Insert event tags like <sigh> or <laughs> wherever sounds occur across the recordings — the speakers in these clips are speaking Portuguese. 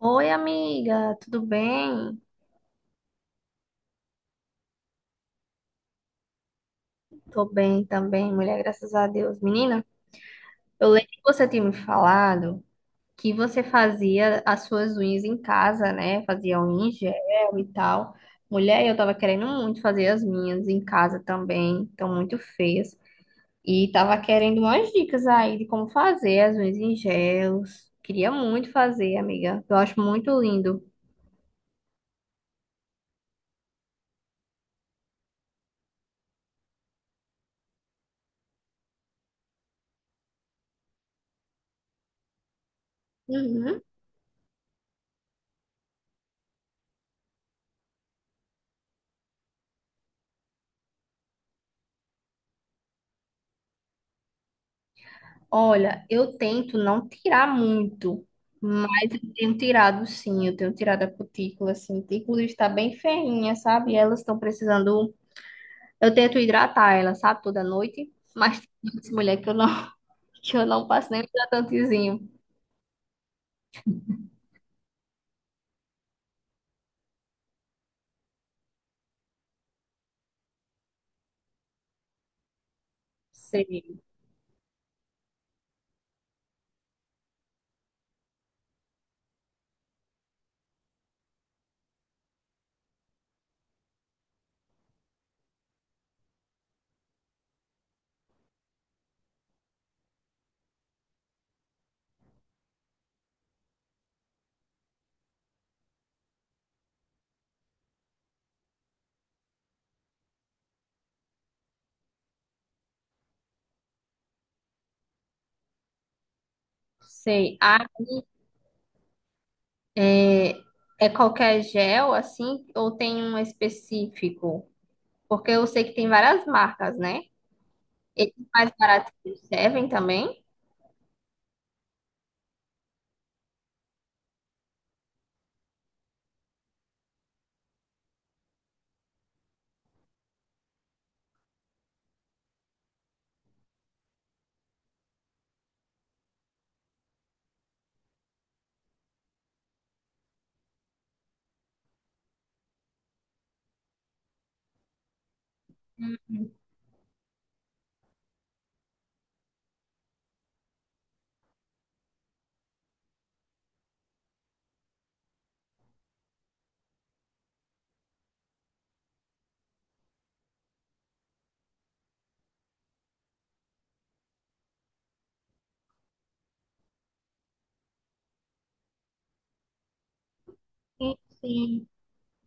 Oi, amiga, tudo bem? Tô bem também, mulher, graças a Deus. Menina, eu lembro que você tinha me falado que você fazia as suas unhas em casa, né? Fazia unha em gel e tal. Mulher, eu tava querendo muito fazer as minhas em casa também, estão muito feias. E tava querendo umas dicas aí de como fazer as unhas em gels. Queria muito fazer, amiga. Eu acho muito lindo. Uhum. Olha, eu tento não tirar muito, mas eu tenho tirado sim, eu tenho tirado a cutícula, assim. A cutícula está bem ferrinha, sabe? Elas estão precisando. Eu tento hidratar ela, sabe, toda noite, mas tem noites, mulher, que eu não, <laughs> que eu não passo nem hidratantezinho. Sei, sei. Ah, é é qualquer gel, assim, ou tem um específico? Porque eu sei que tem várias marcas, né? Esses mais baratos servem também? Sim, sim.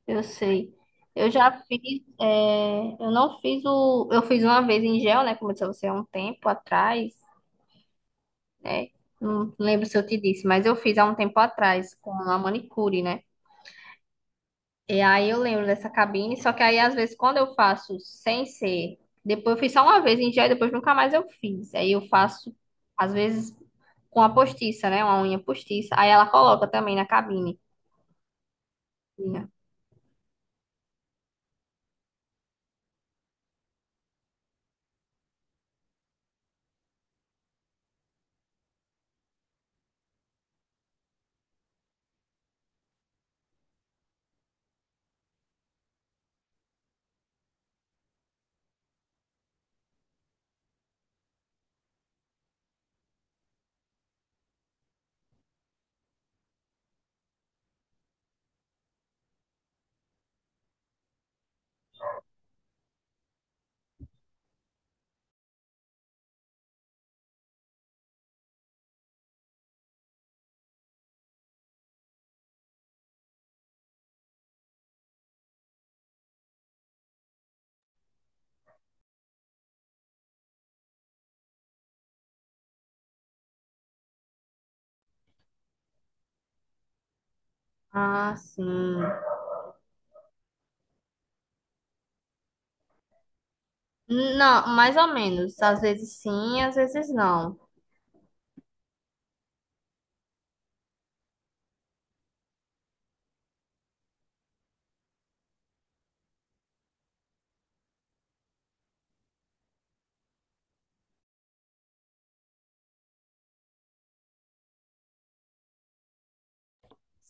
Eu sei. Eu já fiz, é, eu não fiz o, eu fiz uma vez em gel, né, como eu disse a você, há um tempo atrás, né, não lembro se eu te disse, mas eu fiz há um tempo atrás com a manicure, né, e aí eu lembro dessa cabine, só que aí às vezes quando eu faço sem ser, depois eu fiz só uma vez em gel e depois nunca mais eu fiz, aí eu faço, às vezes, com a postiça, né, uma unha postiça, aí ela coloca também na cabine. Ah, sim. Não, mais ou menos. Às vezes sim, às vezes não.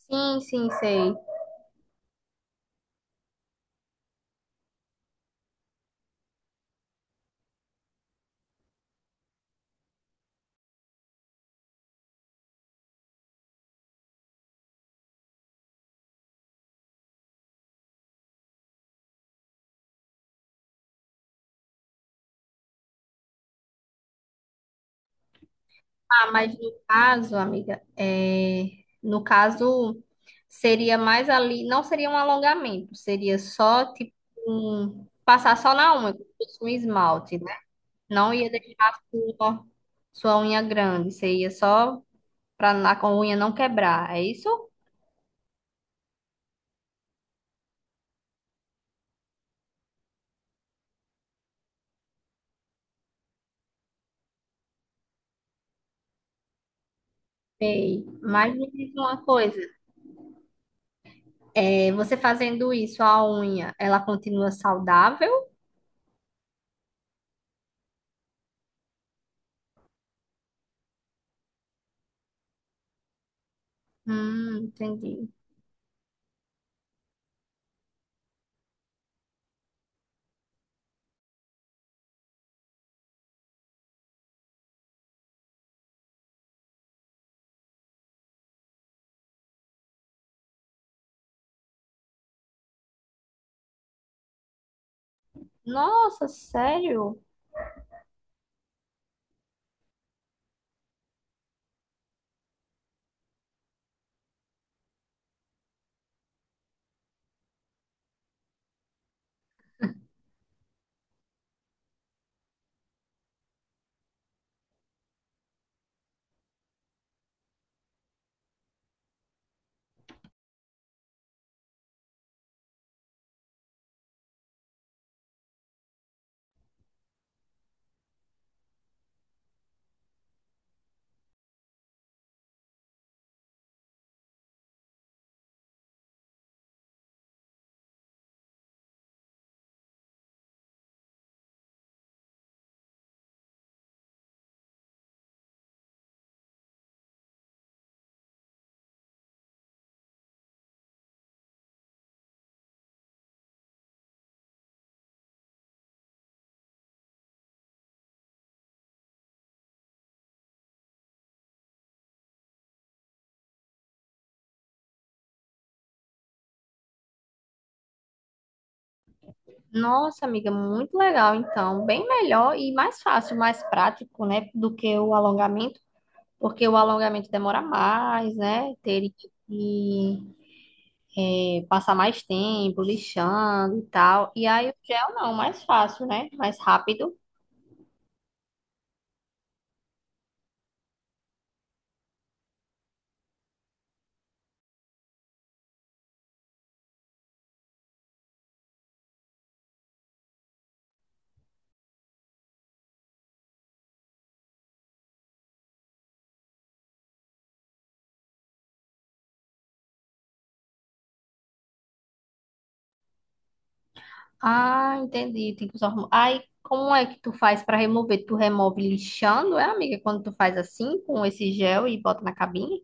Sim, sim, sei. Ah, mas no caso, amiga, é... no caso, seria mais ali, não seria um alongamento, seria só, tipo, um- passar só na unha, como se fosse um esmalte, né? Não ia deixar a sua, sua unha grande, seria só para a unha não quebrar, é isso? Sei. Mas me diz uma coisa, é, você fazendo isso, a unha, ela continua saudável? Entendi. Nossa, sério? Nossa, amiga, muito legal. Então, bem melhor e mais fácil, mais prático, né, do que o alongamento, porque o alongamento demora mais, né? Teria que é, passar mais tempo lixando e tal. E aí o gel não, mais fácil, né? Mais rápido. Ah, entendi. Tem que usar. Hormônio. Aí, como é que tu faz para remover? Tu remove lixando, é, amiga? Quando tu faz assim com esse gel e bota na cabinha?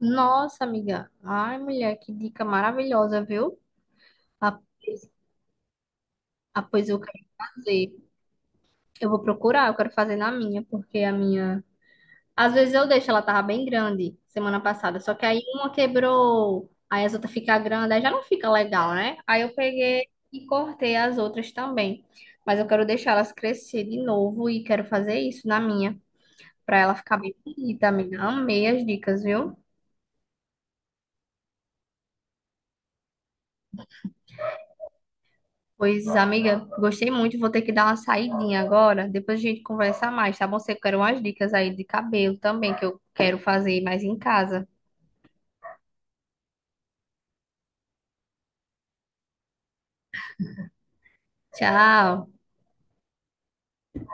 Nossa, amiga. Ai, mulher, que dica maravilhosa, viu? Ah, pois ah, pois eu quero fazer. Eu vou procurar, eu quero fazer na minha, porque a minha. Às vezes eu deixo, ela tava bem grande semana passada, só que aí uma quebrou, aí as outras ficam grandes, aí já não fica legal, né? Aí eu peguei e cortei as outras também. Mas eu quero deixar elas crescer de novo e quero fazer isso na minha, pra ela ficar bem bonita, amiga. Amei as dicas, viu? Pois, amiga, gostei muito. Vou ter que dar uma saidinha agora. Depois a gente conversa mais, tá bom? Você quer umas dicas aí de cabelo também, que eu quero fazer mais em casa. Tchau.